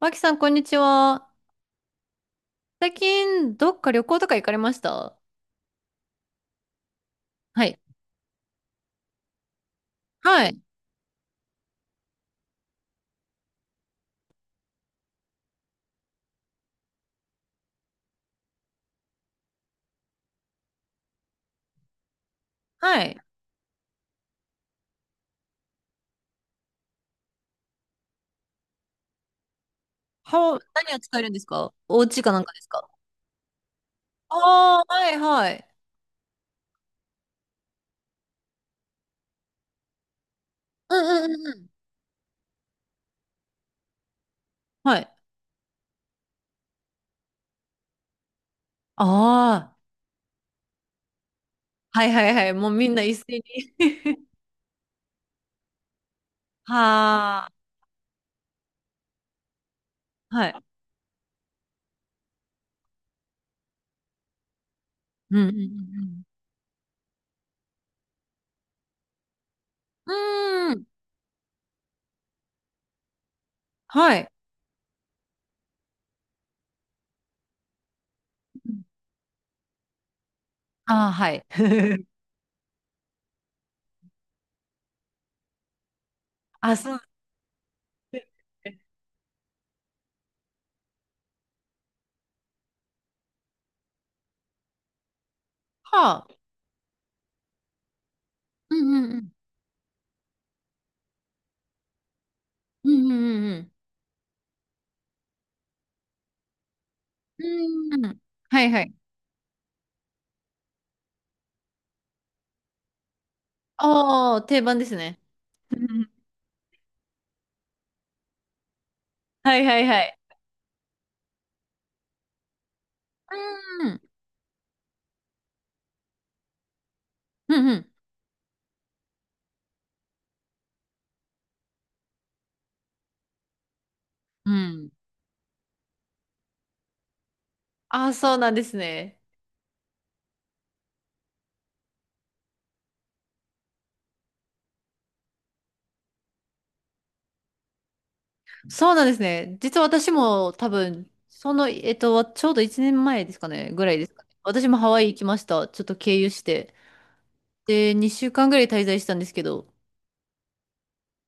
マキさん、こんにちは。最近、どっか旅行とか行かれました？はい。はい。はい。は、何を使えるんですか？お家かなんかですか？ああー、はい、はい。うんうんうんうん。はい。ああ、はいはいはい。もうみんな一斉に。 はあ、はい。うんうんうんうん。うーん。はい。ああ、はい。あ、そう。はあ。うんうんうん。うんうんうんうん。うん。はいはい。ああ、定番ですね。はいはいはい。うん。うんうん。うん。ああ、そうなんですね。そうなんですね。実は私も多分、その、ちょうど1年前ですかね、ぐらいですかね。私もハワイ行きました。ちょっと経由して。で、2週間ぐらい滞在したんですけど。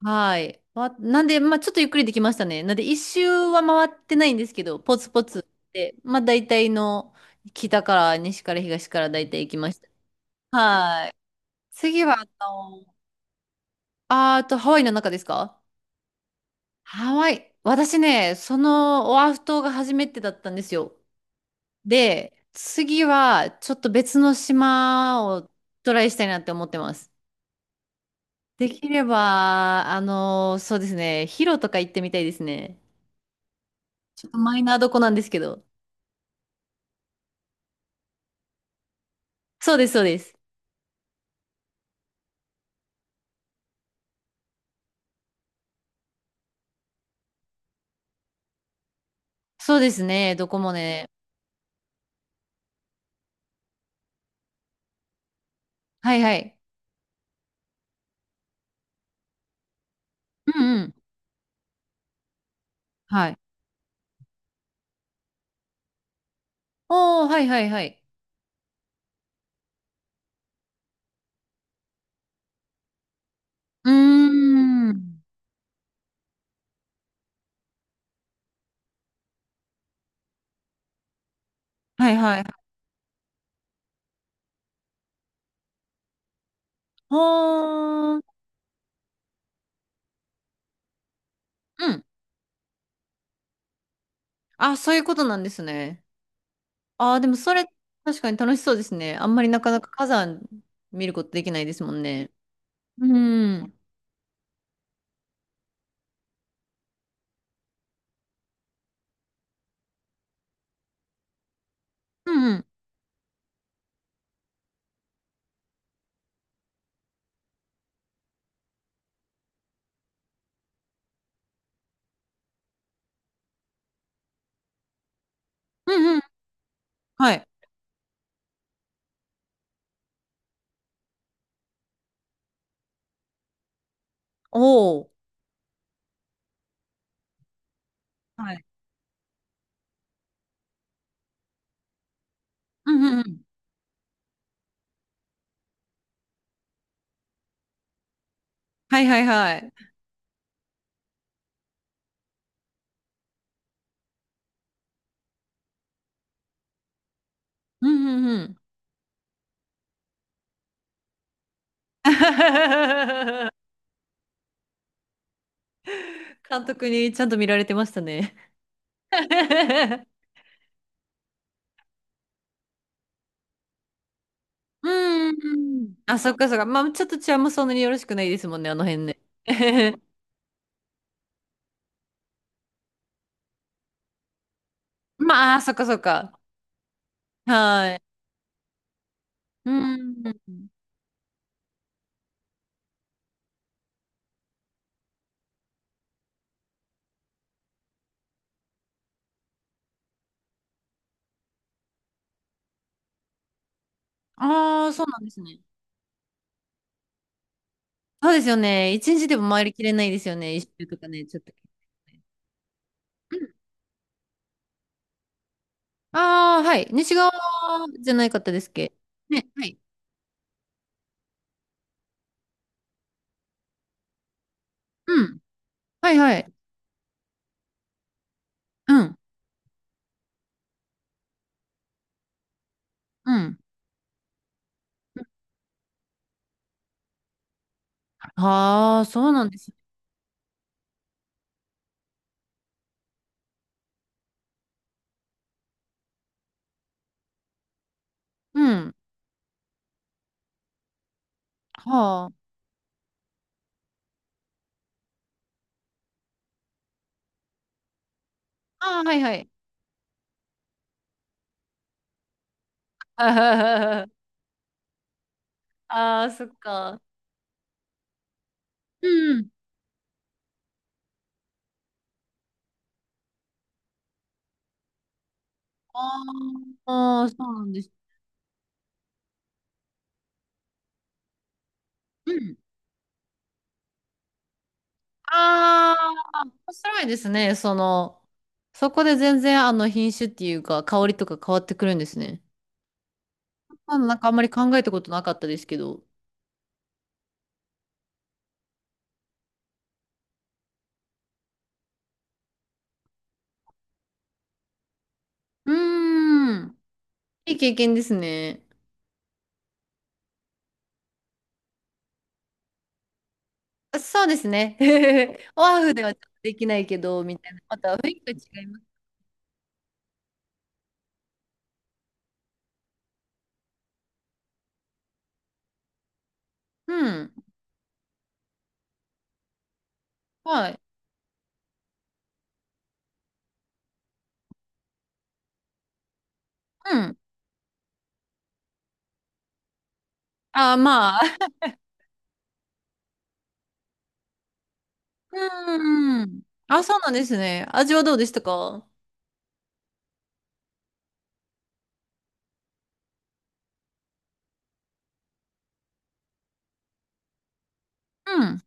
はい。わなんで、まあちょっとゆっくりできましたね。なんで、一周は回ってないんですけど、ポツポツで、まあ大体の北から西から東から大体行きました。はい。次は、あの、あーあとハワイの中ですか？ハワイ。私ね、そのオアフ島が初めてだったんですよ。で、次はちょっと別の島をトライしたいなって思ってます。できれば、あの、そうですね、ヒロとか行ってみたいですね。ちょっとマイナーどこなんですけど。そうです、そうです。そうですね、どこもね。はいはい。うんうん。はい。おー、はいはいはい。うーん。はいはい。ほーん。うん。あ、そういうことなんですね。ああ、でもそれ確かに楽しそうですね。あんまりなかなか火山見ることできないですもんね。うん。うんうん。うんうん。はい。おお。はい。うんうんうん。はいはいはい。うんうんうん。監督にちゃんと見られてましたね。うんうんうん。あ、そっかそっか。まあちょっと治安もそんなによろしくないですもんね、あの辺ね。まあ、そっかそっか。はい。うんうんうん。ああ、そうなんですね。そうですよね。一日でも回りきれないですよね。一周とかね、ちょっと。ああー、はい。西側じゃないかったですっけ？ね、はい。うん。はいはい。うん。うん。ああ、そうなんですね。うん。はあ。ああ、はいはい。ああ、そっか。うん。あーあー、そうなんです。うん。ああ、面白いですね。その、そこで全然あの品種っていうか、香りとか変わってくるんですね。まだなんかあんまり考えたことなかったですけど。うーん。いい経験ですね。あそうですね。オアフではちょっとできないけど、みたいな。また雰囲気が違います。うん。はい。うん。あ、まあ。うん。あ、そうなんですね。味はどうでしたか？うん。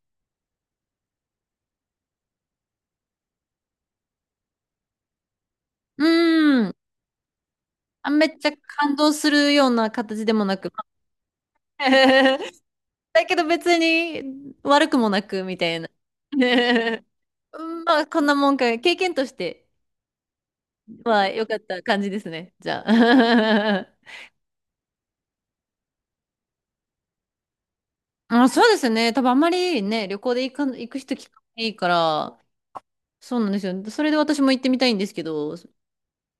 うん。あ、めっちゃ感動するような形でもなく。だけど別に悪くもなく、みたいな。うんまあ、こんなもんか。経験として。まあ、よかった感じですね。じゃあ。あ、そうですね。多分あんまりね、旅行で行か、行く人聞かないから、そうなんですよ。それで私も行ってみたいんですけど、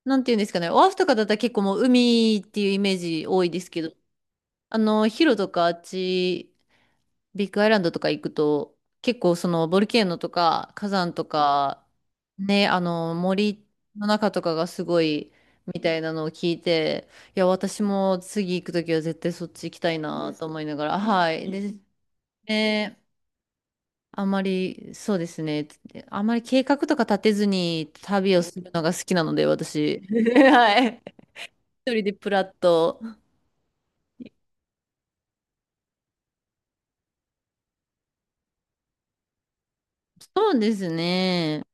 なんていうんですかね。オアフとかだったら結構もう海っていうイメージ多いですけど、あの、ヒロとかあっちビッグアイランドとか行くと、結構そのボルケーノとか火山とか、ね、あの森の中とかがすごいみたいなのを聞いて、いや、私も次行くときは絶対そっち行きたいなと思いながら、はい。で、ね、あまり、そうですね、あまり計画とか立てずに旅をするのが好きなので、私。はい。一人でプラッと。そうですね。